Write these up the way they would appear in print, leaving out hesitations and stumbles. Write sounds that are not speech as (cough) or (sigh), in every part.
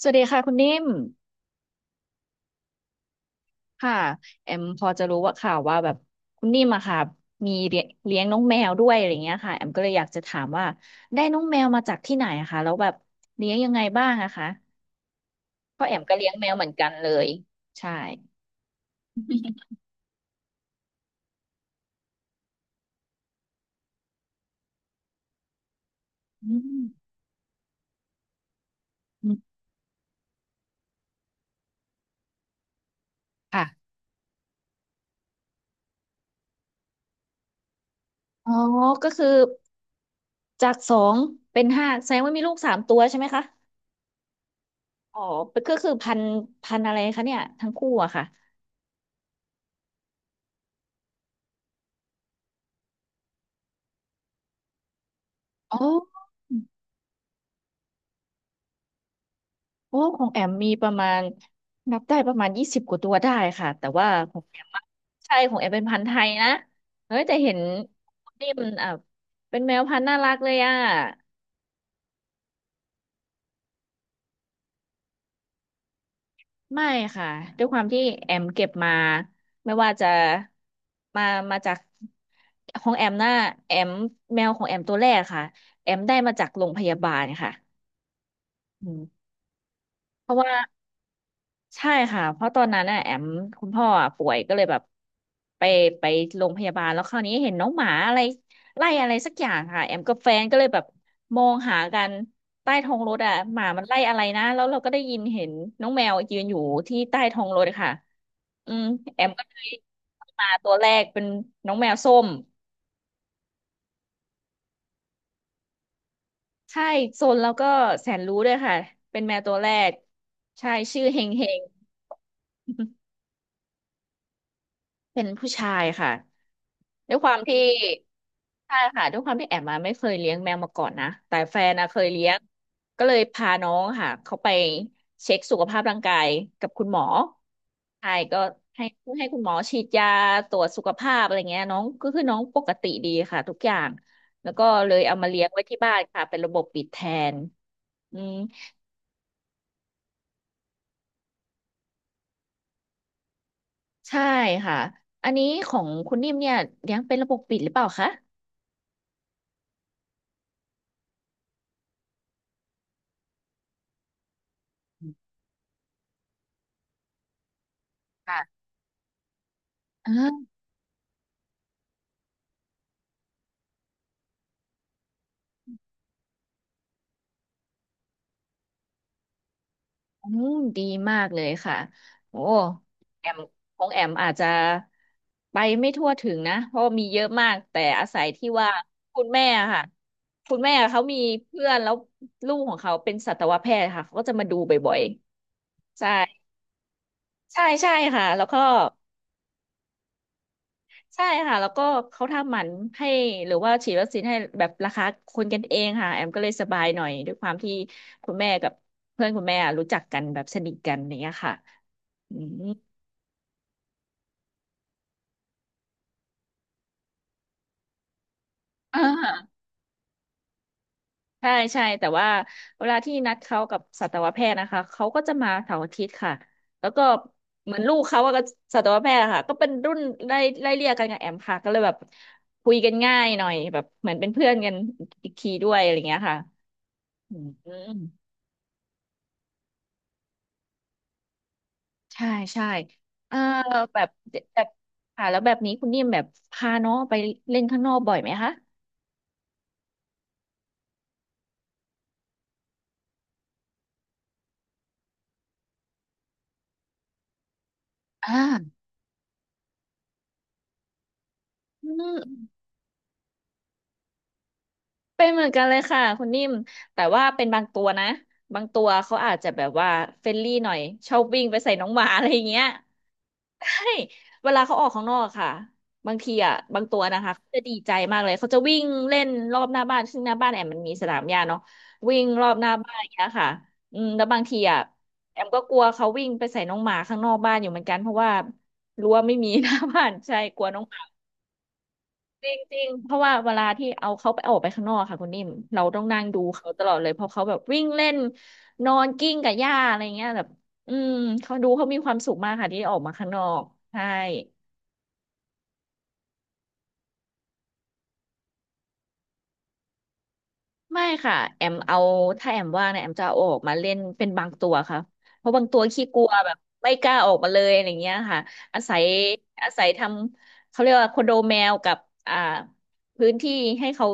สวัสดีค่ะคุณนิ่มค่ะแอมพอจะรู้ว่าข่าวว่าแบบคุณนิ่มอะค่ะมีเลี้ยงน้องแมวด้วยอะไรเงี้ยค่ะแอมก็เลยอยากจะถามว่าได้น้องแมวมาจากที่ไหนอะคะแล้วแบบเลี้ยงยังไงบ้างอะคะเพราะแอมก็เลี้ยงแมวเหมือนกันเลยใช่ (laughs) อืมอืมค่ะอ๋อก็คือจากสองเป็นห้าแสดงว่ามีลูกสามตัวใช่ไหมคะอ๋อก็คือพันพันอะไรคะเนี่ยทั้งคู่อะค่ะอ๋อ โอ้ของแอมมีประมาณนับได้ประมาณ20กว่าตัวได้ค่ะแต่ว่าของแอมอะใช่ของแอมเป็นพันธุ์ไทยนะเฮ้ยแต่เห็นนี่มันอ่ะเป็นแมวพันธุ์น่ารักเลยอ่ะไม่ค่ะด้วยความที่แอมเก็บมาไม่ว่าจะมามาจากของแอมน่ะแอมแมวของแอมตัวแรกค่ะแอมได้มาจากโรงพยาบาลค่ะอืมเพราะว่า ใช่ค่ะเพราะตอนนั้นน่ะแอมคุณพ่ออ่ะป่วยก็เลยแบบไปไปโรงพยาบาลแล้วคราวนี้เห็นน้องหมาอะไรไล่อะไรสักอย่างค่ะแอมกับแฟนก็เลยแบบมองหากันใต้ท้องรถอ่ะหมามันไล่อะไรนะแล้วเราก็ได้ยินเห็นน้องแมวยืนอยู่ที่ใต้ท้องรถค่ะอืมแอมก็เลยมาตัวแรกเป็นน้องแมวส้มใช่โซนแล้วก็แสนรู้ด้วยค่ะเป็นแมวตัวแรกใช่ชื่อเฮงเฮง เป็นผู้ชายค่ะด้วยความที่ใช่ค่ะด้วยความที่แอมมาไม่เคยเลี้ยงแมวมาก่อนนะแต่แฟนนะเคยเลี้ยงก็เลยพาน้องค่ะเขาไปเช็คสุขภาพร่างกายกับคุณหมอใช่ก็ให้ให้คุณหมอฉีดยาตรวจสุขภาพอะไรเงี้ยน้องก็คือน้องปกติดีค่ะทุกอย่างแล้วก็เลยเอามาเลี้ยงไว้ที่บ้านค่ะเป็นระบบปิดแทนอืมใช่ค่ะอันนี้ของคุณนิ่มเนี่ยเลี้ยงเป็นระบบปิดหรือเปล่าคะค่ะ อืมดีมากเลยค่ะโอ้แอมของแอมอาจจะไปไม่ทั่วถึงนะเพราะมีเยอะมากแต่อาศัยที่ว่าคุณแม่อะค่ะคุณแม่เขามีเพื่อนแล้วลูกของเขาเป็นสัตวแพทย์ค่ะเขาก็จะมาดูบ่อยๆใช่ใช่ใช่ค่ะแล้วก็ใช่ค่ะแล้วก็เขาทำหมันให้หรือว่าฉีดวัคซีนให้แบบราคาคนกันเองค่ะแอมก็เลยสบายหน่อยด้วยความที่คุณแม่กับเพื่อนคุณแม่รู้จักกันแบบสนิทกันอย่างเนี้ยค่ะอืม อ่าใช่ใช่แต่ว่าเวลาที่นัดเขากับสัตวแพทย์นะคะเขาก็จะมาเสาร์อาทิตย์ค่ะแล้วก็เหมือนลูกเขาอะก็สัตวแพทย์อะค่ะก็เป็นรุ่นไล่ไล่เลี่ยกันกับแอมค่ะก็เลยแบบคุยกันง่ายหน่อยแบบเหมือนเป็นเพื่อนกันอีกทีด้วยอะไรเงี้ยค่ะอืมใช่ใช่เออแบบแบบค่ะแล้วแบบนี้คุณนิ่มแบบพาน้องไปเล่นข้างนอกบ่อยไหมคะอ่าอืม เป็นเหมือนกันเลยค่ะคุณนิ่มแต่ว่าเป็นบางตัวนะบางตัวเขาอาจจะแบบว่าเฟรนลี่หน่อยชอบวิ่งไปใส่น้องหมาอะไรอย่างเงี้ยใช่เวลาเขาออกข้างนอกอะค่ะบางทีอ่ะบางตัวนะคะเขาจะดีใจมากเลยเขาจะวิ่งเล่นรอบหน้าบ้านซึ่งหน้าบ้านแอมมันมีสนามหญ้าเนาะวิ่งรอบหน้าบ้านอย่างเงี้ยค่ะอืมแล้วบางทีอ่ะแอมก็กลัวเขาวิ่งไปใส่น้องหมาข้างนอกบ้านอยู่เหมือนกันเพราะว่ารั้วไม่มี (laughs) หน้าบ้านใช่กลัวน้อง จริงๆเพราะว่าเวลาที่เอาเขาไปออกไปข้างนอกค่ะคุณนิ่มเราต้องนั่งดูเขาตลอดเลยเพราะเขาแบบวิ่งเล่นนอนกิ้งกับหญ้าอะไรเงี้ยแบบอืมเขาดูเขามีความสุขมากค่ะที่ได้ออกมาข้างนอกใช่ไม่ค่ะแอมเอาถ้าแอมว่างนะแอมจะเอาออกมาเล่นเป็นบางตัวค่ะเพราะบางตัวขี้กลัวแบบไม่กล้าออกมาเลยอะไรเงี้ยค่ะอาศัยอาศัยทำเขาเรียกว่าคอนโดแมวกับอ่าพื้นที่ให้เขา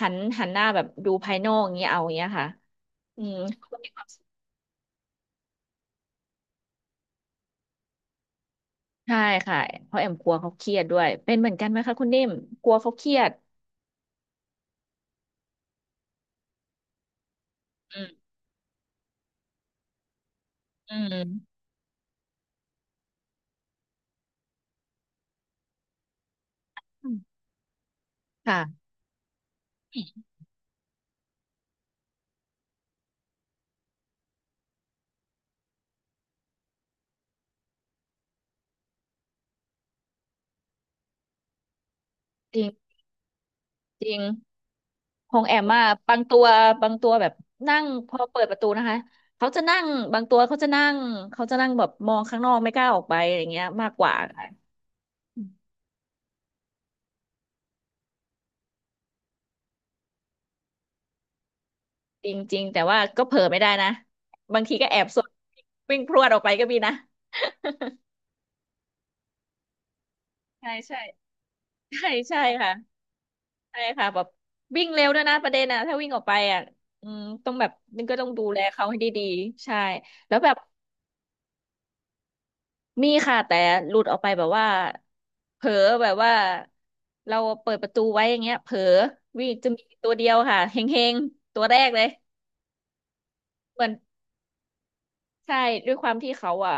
หันหน้าแบบดูภายนอกอย่างเงี้ยเอาอย่างเงี้ยค่ะ อืมใช่ค่ะเพราะแอมกลัวเขาเครียดด้วยเป็นเหมือนกันไหมคะคุณนิ่มกลัวเขาเครียดอืมอืมอืมค่ะจริงจริงของแอมอะบางตัวบางตัวแบบนั่งพอเปิดประตูนะคะเขาจะนั่งบางตัวเขาจะนั่งเขาจะนั่งแบบมองข้างนอกไม่กล้าออกไปอะไรเงี้ยมากกว่าค่ะจริงจริงแต่ว่าก็เผลอไม่ได้นะบางทีก็แอบสวนวิ่งพรวดออกไปก็มีนะใช่ใช่ใช่ใช่ค่ะ ใช่ค่ะแบบวิ่งเร็วด้วยนะประเด็นนะถ้าวิ่งออกไปอ่ะอืมต้องแบบนึงก็ต้องดูแลเขาให้ดีๆใช่แล้วแบบมีค่ะแต่หลุดออกไปแบบว่าเผลอแบบว่าเราเปิดประตูไว้อย่างเงี้ยเผลอวิ่งจะมีตัวเดียวค่ะเฮงๆตัวแรกเลยเหมือน ใช่ด้วยความที่เขาอ่ะ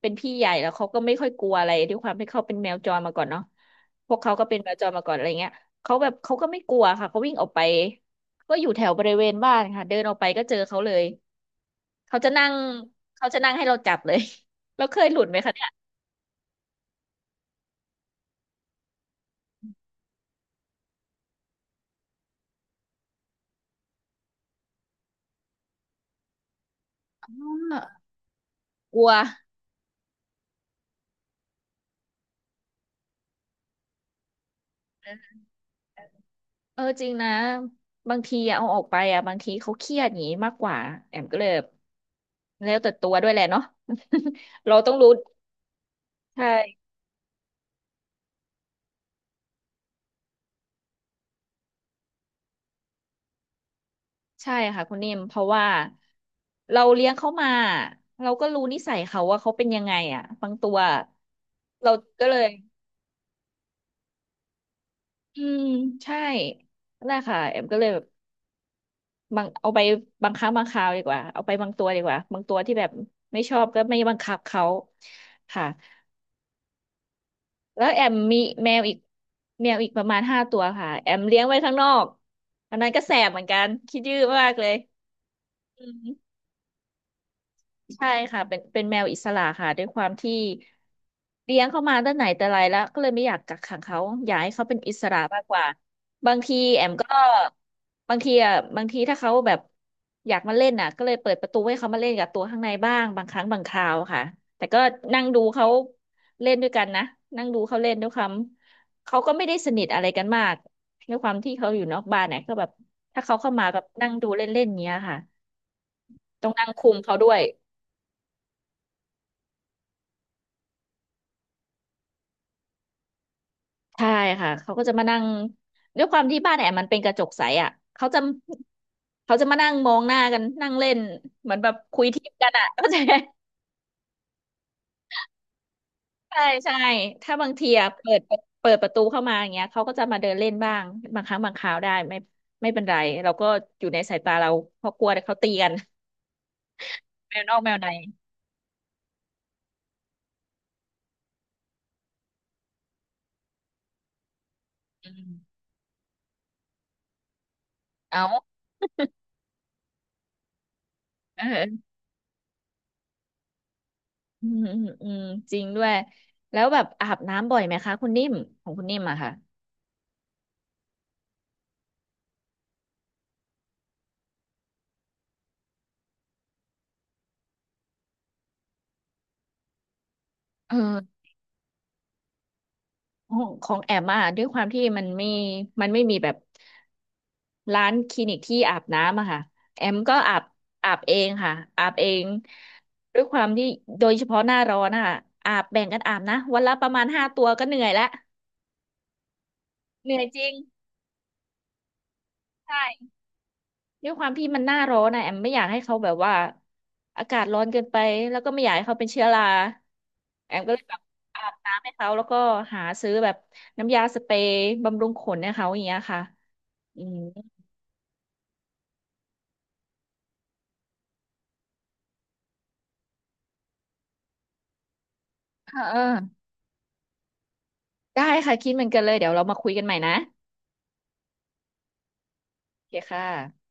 เป็นพี่ใหญ่แล้วเขาก็ไม่ค่อยกลัวอะไรด้วยความที่เขาเป็นแมวจรมาก่อนเนาะพวกเขาก็เป็นแมวจรมาก่อนอะไรเงี้ยเขาแบบเขาก็ไม่กลัวค่ะเขาวิ่งออกไปก็อยู่แถวบริเวณบ้านค่ะเดินออกไปก็เจอเขาเลยเขาจะนั่งเขาจะนั่งให้เราจับเลย (laughs) แล้วเคยหลุดไหมคะเนี่ยอากลัวเออจริงนะบางทีอะเอาออกไปอะบางทีเขาเครียดอย่างนี้มากกว่าแอมก็เลยแบบแล้วแต่ตัวด้วยแหละเนาะ (laughs) เราต้องรู้ใช่ ใช่ค่ะคุณนิ่มเพราะว่าเราเลี้ยงเขามาเราก็รู้นิสัยเขาว่าเขาเป็นยังไงอ่ะบางตัวเราก็เลยอืมใช่นั่นแหละค่ะแอมก็เลยแบบบางเอาไปบางครั้งบางคราวดีกว่าเอาไปบางตัวดีกว่าบางตัวที่แบบไม่ชอบก็ไม่บังคับเขาค่ะแล้วแอมมีแมวอีกแมวอีกประมาณห้าตัวค่ะแอมเลี้ยงไว้ข้างนอกอันนั้นก็แสบเหมือนกันคิดยื้อมากเลยอืม ใช่ค่ะเป็นเป็นแมวอิสระค่ะด้วยความที่เลี้ยงเขามาตั้งไหนแต่ไรแล้วก็เลยไม่อยากกักขังเขาอยากให้เขาเป็นอิสระมากกว่าบางทีแอมก็บางทีอ่ะบางทีถ้าเขาแบบอยากมาเล่นน่ะก็เลยเปิดประตูให้เขามาเล่นกับตัวข้างในบ้างบางครั้งบางคราวค่ะแต่ก็นั่งดูเขาเล่นด้วยกันนะนั่งดูเขาเล่นด้วยความเขาก็ไม่ได้สนิทอะไรกันมากด้วยความที่เขาอยู่นอกบ้านเนี่ยก็แบบถ้าเขาเข้ามาแบบนั่งดูเล่นๆเนี้ยค่ะต้องนั่งคุมเขาด้วย ใช่ค่ะ เขาก็จะมานั่งด้วยความที่บ้านแอมมันเป็นกระจกใสอ่ะเขาจะเขาจะมานั่งมองหน้ากันนั่งเล่นเหมือนแบบคุยทิพย์กันอ่ะ (laughs) เข้าใจไหมใช่ใช่ถ้าบางทีอะเปิดเปิดประตูเข้ามาอย่างเงี้ยเขาก็จะมาเดินเล่นบ้างบางครั้งบางคราวได้ไม่ไม่เป็นไรเราก็อยู่ในสายตาเราเพราะกลัวเดี๋ยวเขาตีกันแมวนอกแมวในอืมเอา (laughs) เอออืมอืมอืมจริงด้วยแล้วแบบอาบน้ำบ่อยไหมคะคุณนิ่มของคุณนิ่มอะค่ะเออ ของของแอมอ่ะด้วยความที่มันไม่มันไม่มีแบบร้านคลินิกที่อาบน้ำอะค่ะแอมก็อาบอาบเองค่ะอาบเองด้วยความที่โดยเฉพาะหน้าร้อนอะอาบแบ่งกันอาบนะวันละประมาณห้าตัวก็เหนื่อยแล้วเหนื่อยจริงใช่ด้วยความที่มันหน้าร้อนนะแอมไม่อยากให้เขาแบบว่าอากาศร้อนเกินไปแล้วก็ไม่อยากให้เขาเป็นเชื้อราแอมก็เลยแบบอาบน้ำให้เขาแล้วก็หาซื้อแบบน้ำยาสเปรย์บำรุงขนให้เขาอย่างเงี้ยค่ะอืม เออเออได้ค่ะคิดเหมือนกันเลยเดี๋ยวเรามาคุยกันใหม่นะโอเคค่ะ